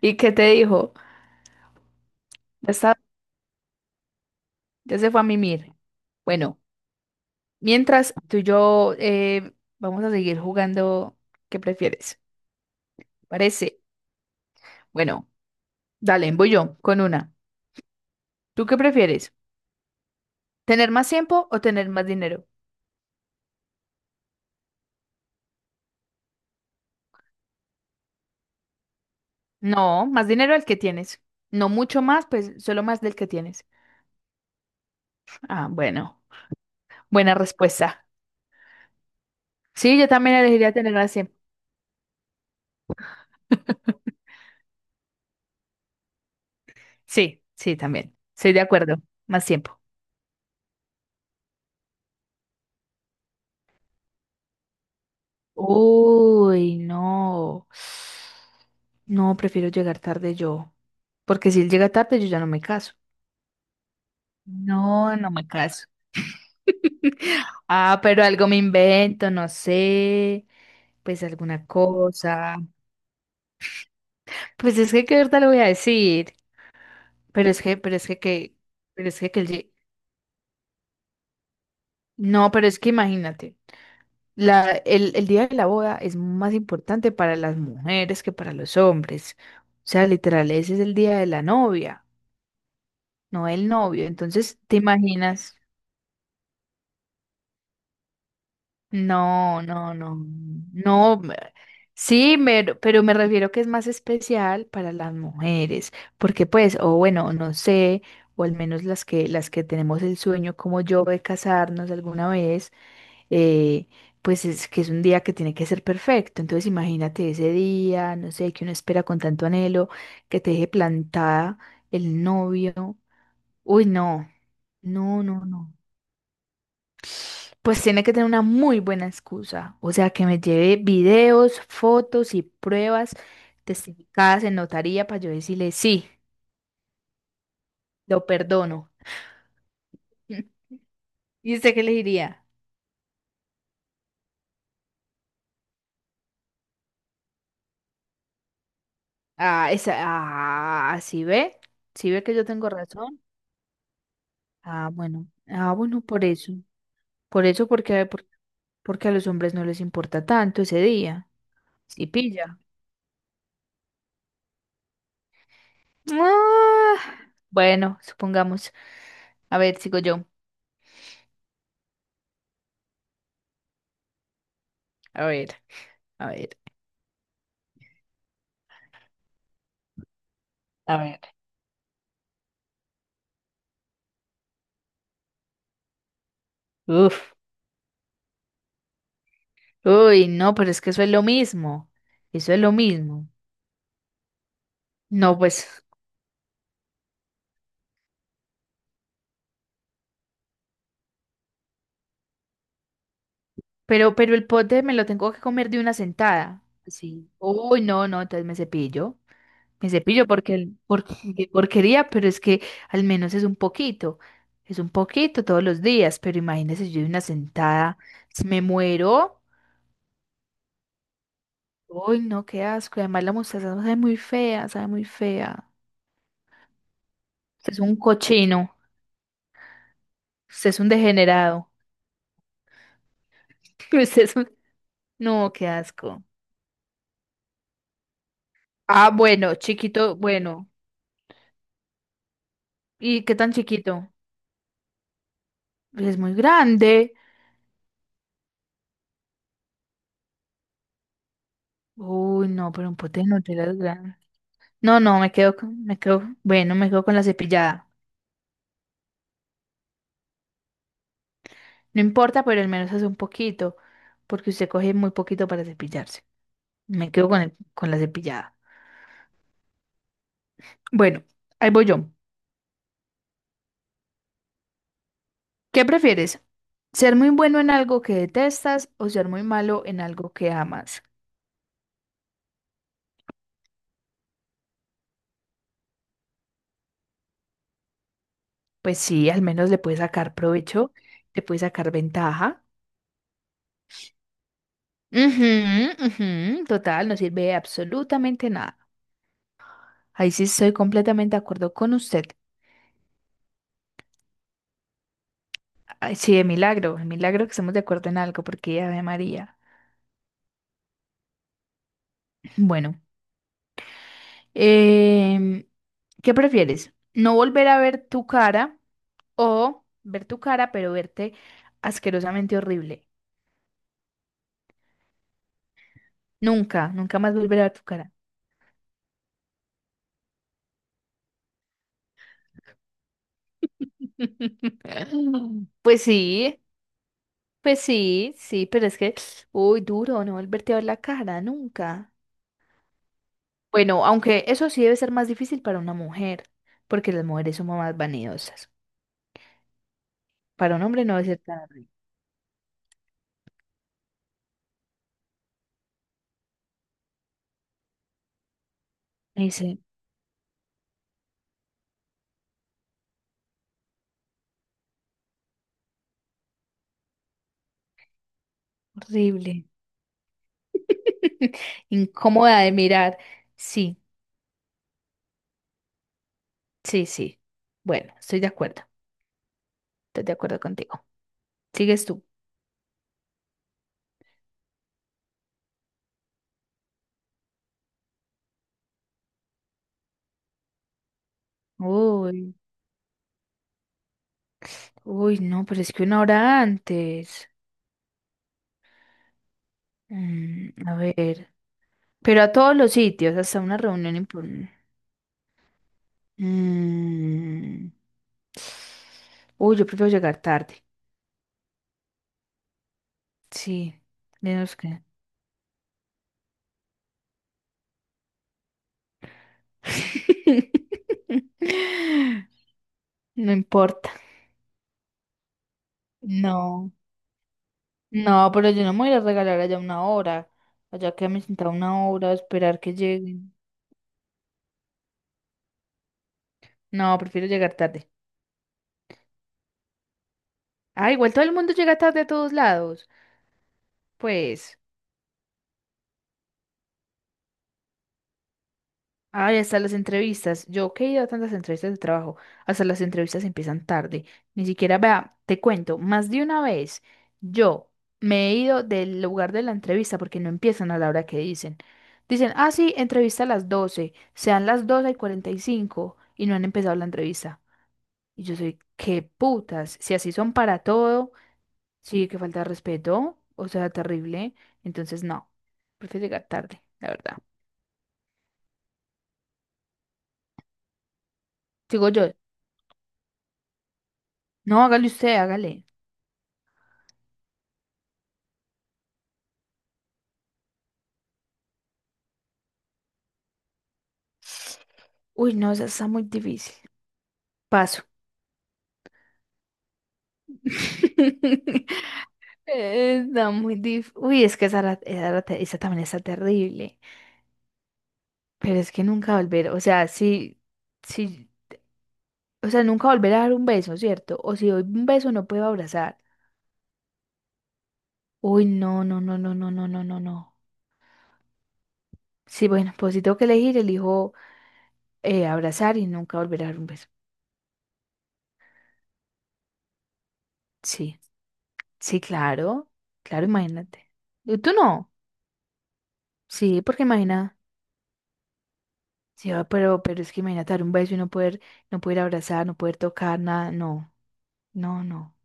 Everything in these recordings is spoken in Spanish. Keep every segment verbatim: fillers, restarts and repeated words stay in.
¿Y qué te dijo? Ya está, ya se fue a mimir. Bueno, mientras tú y yo eh, vamos a seguir jugando, ¿qué prefieres? ¿Parece? Bueno, dale, voy yo con una. ¿Tú qué prefieres? ¿Tener más tiempo o tener más dinero? No, más dinero el que tienes. No mucho más, pues solo más del que tienes. Ah, bueno, buena respuesta. Sí, yo también elegiría tener más tiempo. Sí, sí, también. Estoy de acuerdo. Más tiempo. Uy, no. No, prefiero llegar tarde yo. Porque si él llega tarde, yo ya no me caso. No, no me caso. Ah, pero algo me invento, no sé. Pues alguna cosa. Pues es que qué verdad le voy a decir. Pero es que, pero es que, que, pero es que, que él llegue- No, pero es que imagínate. La, el, el día de la boda es más importante para las mujeres que para los hombres. O sea, literal, ese es el día de la novia, no el novio. Entonces, ¿te imaginas? No, no, no, no. me- Sí, me- pero me refiero que es más especial para las mujeres, porque pues, o bueno, no sé, o al menos las que, las que tenemos el sueño como yo de casarnos alguna vez, eh, pues es que es un día que tiene que ser perfecto. Entonces, imagínate ese día, no sé, que uno espera con tanto anhelo, que te deje plantada el novio. Uy, no, no, no, no. Pues tiene que tener una muy buena excusa, o sea, que me lleve videos, fotos y pruebas testificadas en notaría para yo decirle, sí, lo perdono. ¿Y usted qué le diría? Ah, esa, ah, ¿sí ve? ¿Sí ve que yo tengo razón? Ah, bueno, ah, bueno, por eso, por eso, porque, por- porque a los hombres no les importa tanto ese día, si pilla. Ah, bueno, supongamos, a ver, sigo yo, a ver, a ver. A ver. Uf. Uy, no, pero es que eso es lo mismo. Eso es lo mismo. No, pues, pero, pero el pote me lo tengo que comer de una sentada. Sí. Uy, no, no, entonces me cepillo. Me cepillo porque, el- porque qué porquería, pero es que al menos es un poquito. Es un poquito todos los días, pero imagínese si yo de una sentada, si me muero. Uy, no, qué asco. Y además la mostaza sabe muy fea, sabe muy fea. Usted es un cochino, usted es un degenerado. Usted es un- No, qué asco. Ah, bueno, chiquito, bueno. ¿Y qué tan chiquito? Es muy grande. Uy, no, pero un pote de Nutella es grande. No, no, me quedo, con- me quedo, bueno, me quedo con la cepillada. No importa, pero al menos hace un poquito, porque usted coge muy poquito para cepillarse. Me quedo con el- con la cepillada. Bueno, ahí voy yo. ¿Qué prefieres? ¿Ser muy bueno en algo que detestas o ser muy malo en algo que amas? Pues sí, al menos le puedes sacar provecho, le puedes sacar ventaja. Ujú, ujú, total, no sirve de absolutamente nada. Ahí sí estoy completamente de acuerdo con usted. Ay, sí, de milagro, de milagro que estemos de acuerdo en algo, porque Ave María. Bueno, em, ¿qué prefieres? ¿No volver a ver tu cara o ver tu cara, pero verte asquerosamente horrible? Nunca, nunca más volver a ver tu cara. Pues sí, pues sí, sí, pero es que, uy, duro, no volverte a ver la cara, nunca. Bueno, aunque eso sí debe ser más difícil para una mujer, porque las mujeres somos más vanidosas. Para un hombre no debe ser tan horrible. Dice, horrible. Incómoda de mirar. Sí, sí, sí. Bueno, estoy de acuerdo. Estoy de acuerdo contigo. Sigues tú. Uy, uy, no, pero es que una hora antes. Mm, a ver. Pero a todos los sitios, hasta una reunión importante. Mm. Uy, yo prefiero llegar tarde. Sí, digamos que. No importa. No. No, pero yo no me voy a ir a regalar allá una hora. Allá que me sentado una hora a esperar que lleguen. No, prefiero llegar tarde. Ah, igual todo el mundo llega tarde a todos lados. Pues. Ay, hasta las entrevistas. Yo que he ido a tantas entrevistas de trabajo, hasta las entrevistas empiezan tarde. Ni siquiera, vea, te cuento, más de una vez yo me he ido del lugar de la entrevista porque no empiezan a la hora que dicen. Dicen, ah, sí, entrevista a las doce, sean las doce y cuarenta y cinco y cinco y no han empezado la entrevista. Y yo soy, qué putas, si así son para todo, sí, que falta de respeto, o sea, terrible. Entonces, no, prefiero llegar tarde, la verdad. Digo yo, no, hágale usted, hágale. Uy, no, esa está muy difícil. Paso. Está muy difícil. Uy, es que esa, era- esa, era te- esa también está terrible. Pero es que nunca volver, o sea, si, si, o sea, nunca volver a dar un beso, ¿cierto? O si doy un beso no puedo abrazar. Uy, no, no, no, no, no, no, no, no, no. Sí, bueno, pues si tengo que elegir, elijo eh, abrazar y nunca volver a dar un beso. Sí, sí, claro, claro, imagínate. ¿Y tú no? Sí, porque imagina. Sí, ah, pero, pero es que imagínate dar un beso y no poder, no poder abrazar, no poder tocar nada, no, no, no.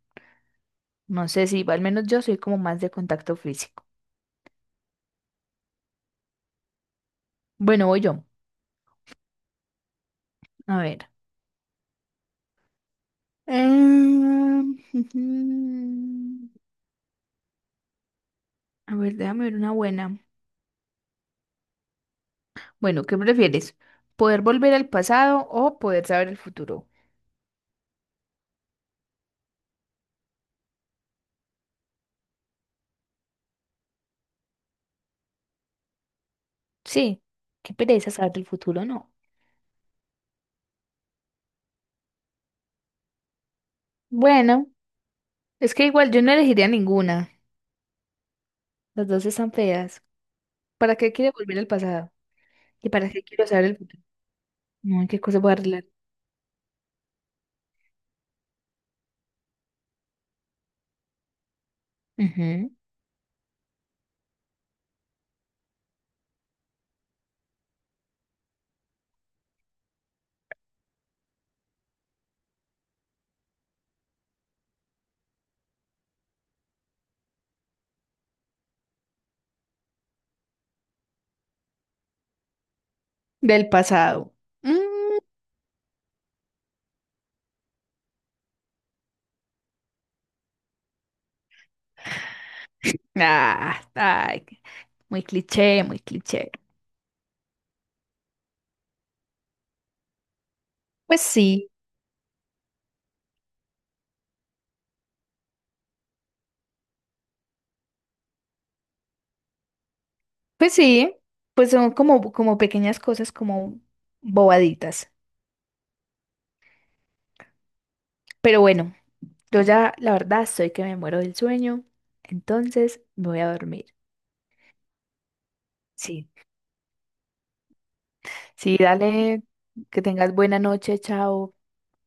No sé si, al menos yo soy como más de contacto físico. Bueno, voy yo. A ver. Em, A ver, déjame ver una buena. Bueno, ¿qué prefieres? ¿Poder volver al pasado o poder saber el futuro? Sí, qué pereza saber el futuro, no. Bueno, es que igual yo no elegiría ninguna. Las dos están feas. ¿Para qué quiero volver al pasado? ¿Y para qué quiero saber el futuro? No, qué cosa voy a arreglar. Ujú. Del pasado. Mm, ah, ay, muy cliché, muy cliché. Pues sí, pues sí, pues son como, como pequeñas cosas, como bobaditas. Pero bueno, yo ya, la verdad, estoy que me muero del sueño, entonces me voy a dormir. Sí, sí, dale, que tengas buena noche, chao.